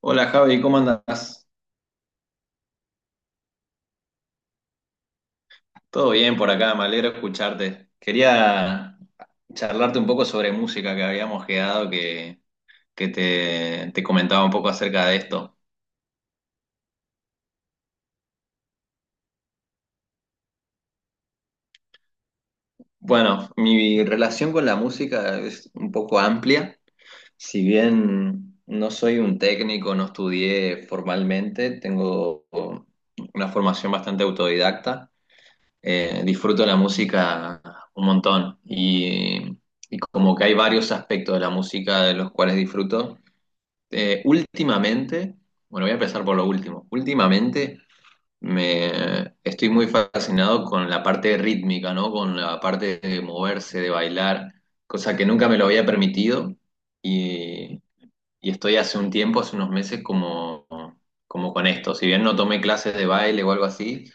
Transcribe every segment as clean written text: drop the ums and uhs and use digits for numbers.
Hola Javi, ¿cómo andás? Todo bien por acá, me alegro escucharte. Quería charlarte un poco sobre música que habíamos quedado, que te comentaba un poco acerca de esto. Bueno, mi relación con la música es un poco amplia. Si bien no soy un técnico, no estudié formalmente, tengo una formación bastante autodidacta. Disfruto la música un montón y como que hay varios aspectos de la música de los cuales disfruto. Eh, últimamente, bueno, voy a empezar por lo último. Últimamente me estoy muy fascinado con la parte rítmica, ¿no? Con la parte de moverse, de bailar, cosa que nunca me lo había permitido y, y estoy hace un tiempo, hace unos meses como con esto. Si bien no tomé clases de baile o algo así,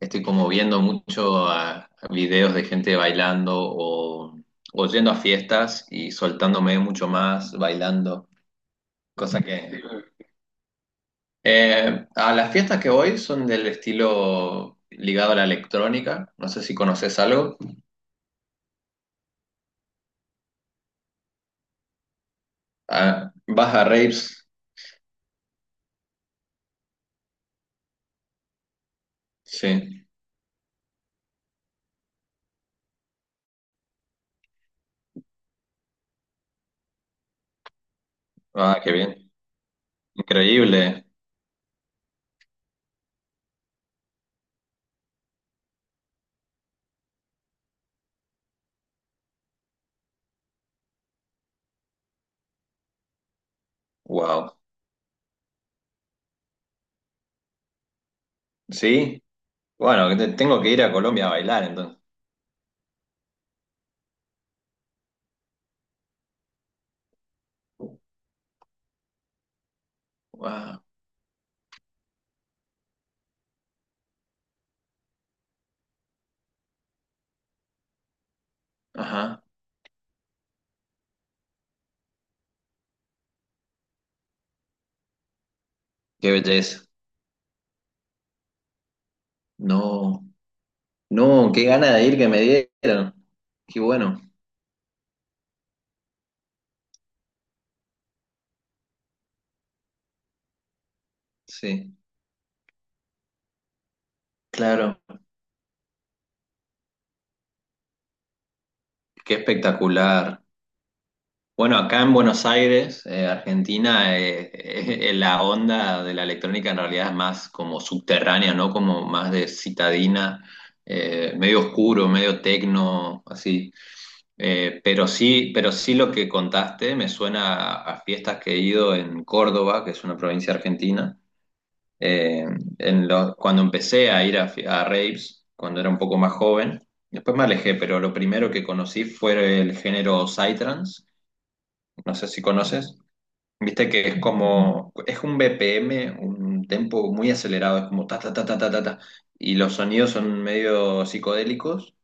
estoy como viendo mucho a videos de gente bailando o yendo a fiestas y soltándome mucho más bailando, cosa que... A las fiestas que voy son del estilo ligado a la electrónica, no sé si conoces algo. Ah, vas a raves, sí. Ah, qué bien. Increíble, wow. Sí, bueno, tengo que ir a Colombia a bailar entonces. Wow, ajá, qué belleza. No. No, qué gana de ir que me dieron. Qué bueno, sí, claro, qué espectacular. Bueno, acá en Buenos Aires, Argentina, la onda de la electrónica en realidad es más como subterránea, ¿no? Como más de citadina, medio oscuro, medio tecno, así. Pero sí, pero sí lo que contaste me suena a fiestas que he ido en Córdoba, que es una provincia argentina. Eh, en cuando empecé a ir a, a raves, cuando era un poco más joven, después me alejé, pero lo primero que conocí fue el género psytrance, no sé si conoces. Viste que es como, es un BPM, un tempo muy acelerado, es como ta ta ta ta ta ta ta, y los sonidos son medio psicodélicos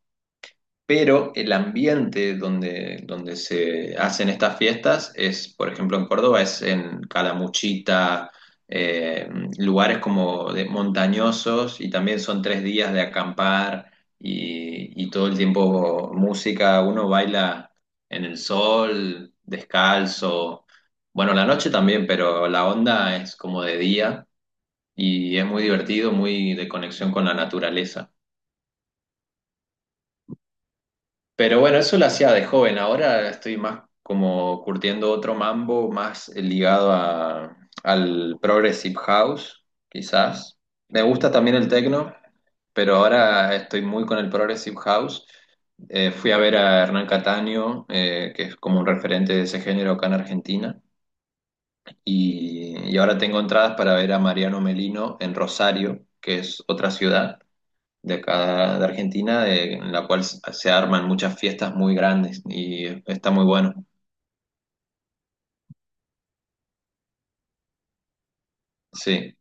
pero el ambiente donde, donde se hacen estas fiestas es, por ejemplo, en Córdoba, es en Calamuchita, eh, lugares como de montañosos y también son tres días de acampar y todo el tiempo música, uno baila en el sol, descalzo, bueno, la noche también, pero la onda es como de día y es muy divertido, muy de conexión con la naturaleza. Pero bueno, eso lo hacía de joven. Ahora estoy más como curtiendo otro mambo, más ligado al Progressive House, quizás. Me gusta también el techno, pero ahora estoy muy con el Progressive House. Fui a ver a Hernán Cataño, que es como un referente de ese género acá en Argentina. Y ahora tengo entradas para ver a Mariano Melino en Rosario, que es otra ciudad de acá de Argentina, en la cual se arman muchas fiestas muy grandes y está muy bueno. Sí,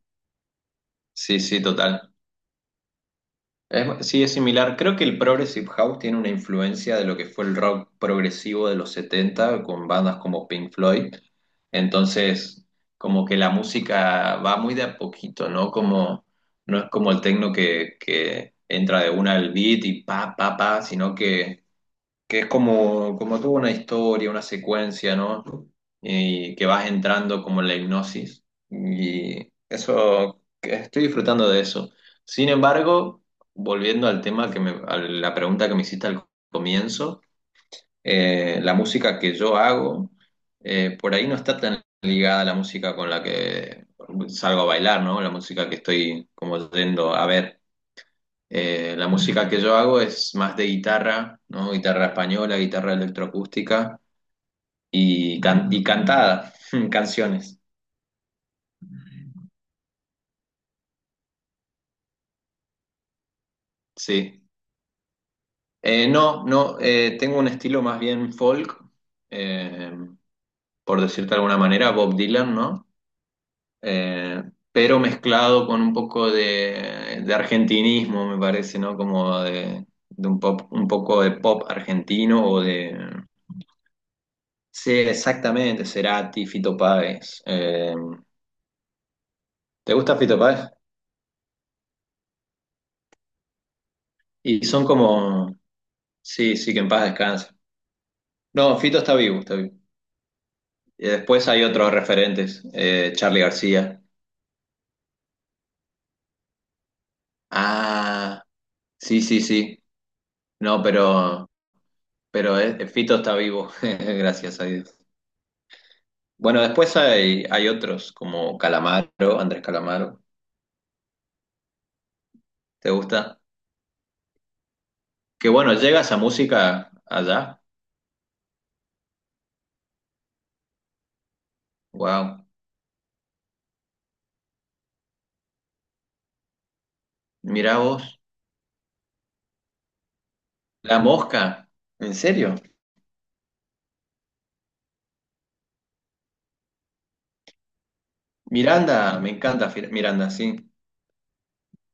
sí, sí, total. Sí, es similar. Creo que el Progressive House tiene una influencia de lo que fue el rock progresivo de los 70 con bandas como Pink Floyd. Entonces, como que la música va muy de a poquito, ¿no? Como, no es como el techno que entra de una al beat y pa, pa, pa, sino que es como, como tuvo una historia, una secuencia, ¿no? Y que vas entrando como en la hipnosis. Y eso, que estoy disfrutando de eso. Sin embargo, volviendo al tema que me, a la pregunta que me hiciste al comienzo, la música que yo hago, por ahí no está tan ligada a la música con la que salgo a bailar, ¿no? La música que estoy como yendo a ver. La música que yo hago es más de guitarra, ¿no? Guitarra española, guitarra electroacústica y, y cantada, canciones, sí. No, no, Tengo un estilo más bien folk, eh, por decirte de alguna manera, Bob Dylan, ¿no? Eh, pero mezclado con un poco de argentinismo, me parece, ¿no? Como de un pop, un poco de pop argentino o de... Sí, exactamente, Cerati, Fito Páez. ¿Te gusta Fito Páez? Y son como, sí, sí, que en paz descanse. No, Fito está vivo, está vivo. Y después hay otros referentes, Charly García. Ah, sí, sí, sí. No, pero Fito está vivo, gracias a Dios. Bueno, después hay, hay otros como Calamaro, Andrés Calamaro. ¿Te gusta? Que bueno, llega esa música allá. Wow. Mirá vos. La Mosca. ¿En serio? Miranda, me encanta Miranda, sí.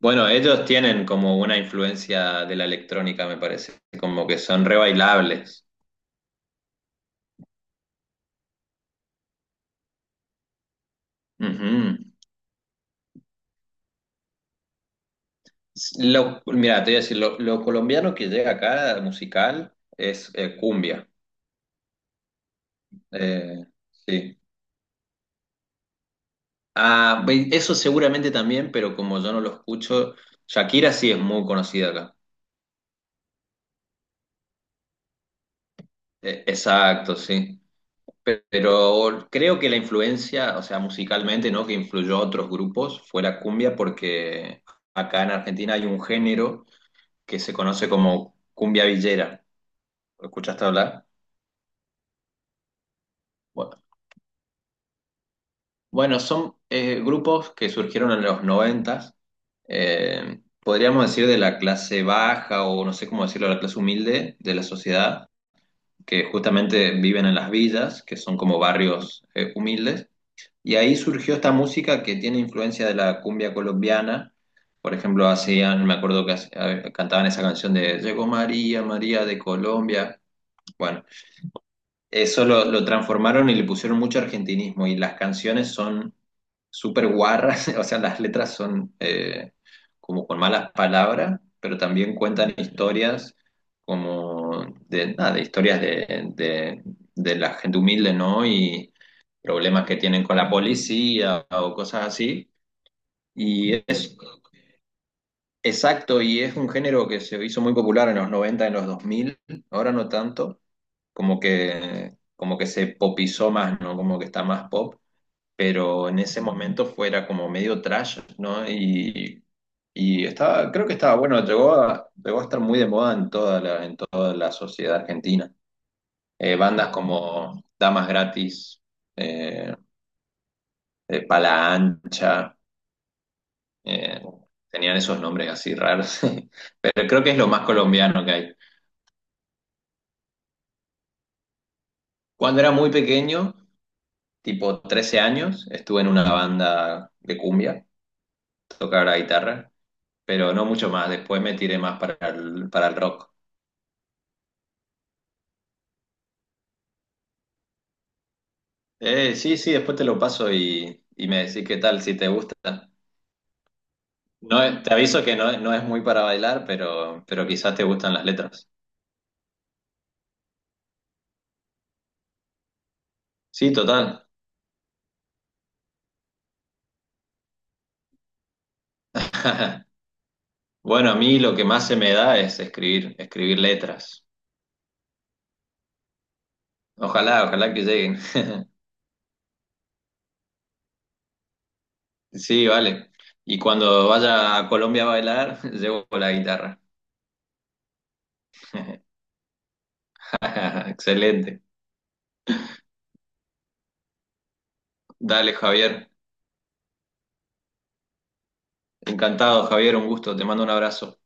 Bueno, ellos tienen como una influencia de la electrónica, me parece, como que son re bailables. Ujú. Mira, te voy a decir, lo colombiano que llega acá musical es cumbia. Eh, sí. Ah, eso seguramente también, pero como yo no lo escucho, Shakira sí es muy conocida acá. Exacto, sí. Pero creo que la influencia, o sea, musicalmente, ¿no? Que influyó a otros grupos fue la cumbia porque acá en Argentina hay un género que se conoce como cumbia villera. ¿Lo escuchaste hablar? Bueno, bueno, son grupos que surgieron en los noventas, podríamos decir de la clase baja o no sé cómo decirlo, la clase humilde de la sociedad, que justamente viven en las villas, que son como barrios humildes. Y ahí surgió esta música que tiene influencia de la cumbia colombiana. Por ejemplo, hacían, me acuerdo que cantaban esa canción de Llegó María, María de Colombia. Bueno, eso lo transformaron y le pusieron mucho argentinismo y las canciones son súper guarras, o sea, las letras son como con malas palabras, pero también cuentan historias como de, nada, de historias de, de la gente humilde, ¿no? Y problemas que tienen con la policía o cosas así. Y es Exacto, y es un género que se hizo muy popular en los 90 en los dos mil, ahora no tanto, como que se popizó más, ¿no? Como que está más pop, pero en ese momento fuera como medio trash, ¿no? Y estaba, creo que estaba bueno, llegó a, llegó a estar muy de moda en toda la sociedad argentina. Bandas como Damas Gratis, eh, Pala Ancha, eh, tenían esos nombres así raros, pero creo que es lo más colombiano que hay. Cuando era muy pequeño, tipo 13 años, estuve en una banda de cumbia tocar la guitarra, pero no mucho más. Después me tiré más para el rock. Sí, sí, después te lo paso y me decís qué tal, si te gusta. No, te aviso que no, no es muy para bailar, pero quizás te gustan las letras. Sí, total. Bueno, a mí lo que más se me da es escribir, escribir letras. Ojalá, ojalá que lleguen. Sí, vale. Y cuando vaya a Colombia a bailar, llevo la guitarra. Excelente. Dale, Javier. Encantado, Javier. Un gusto. Te mando un abrazo.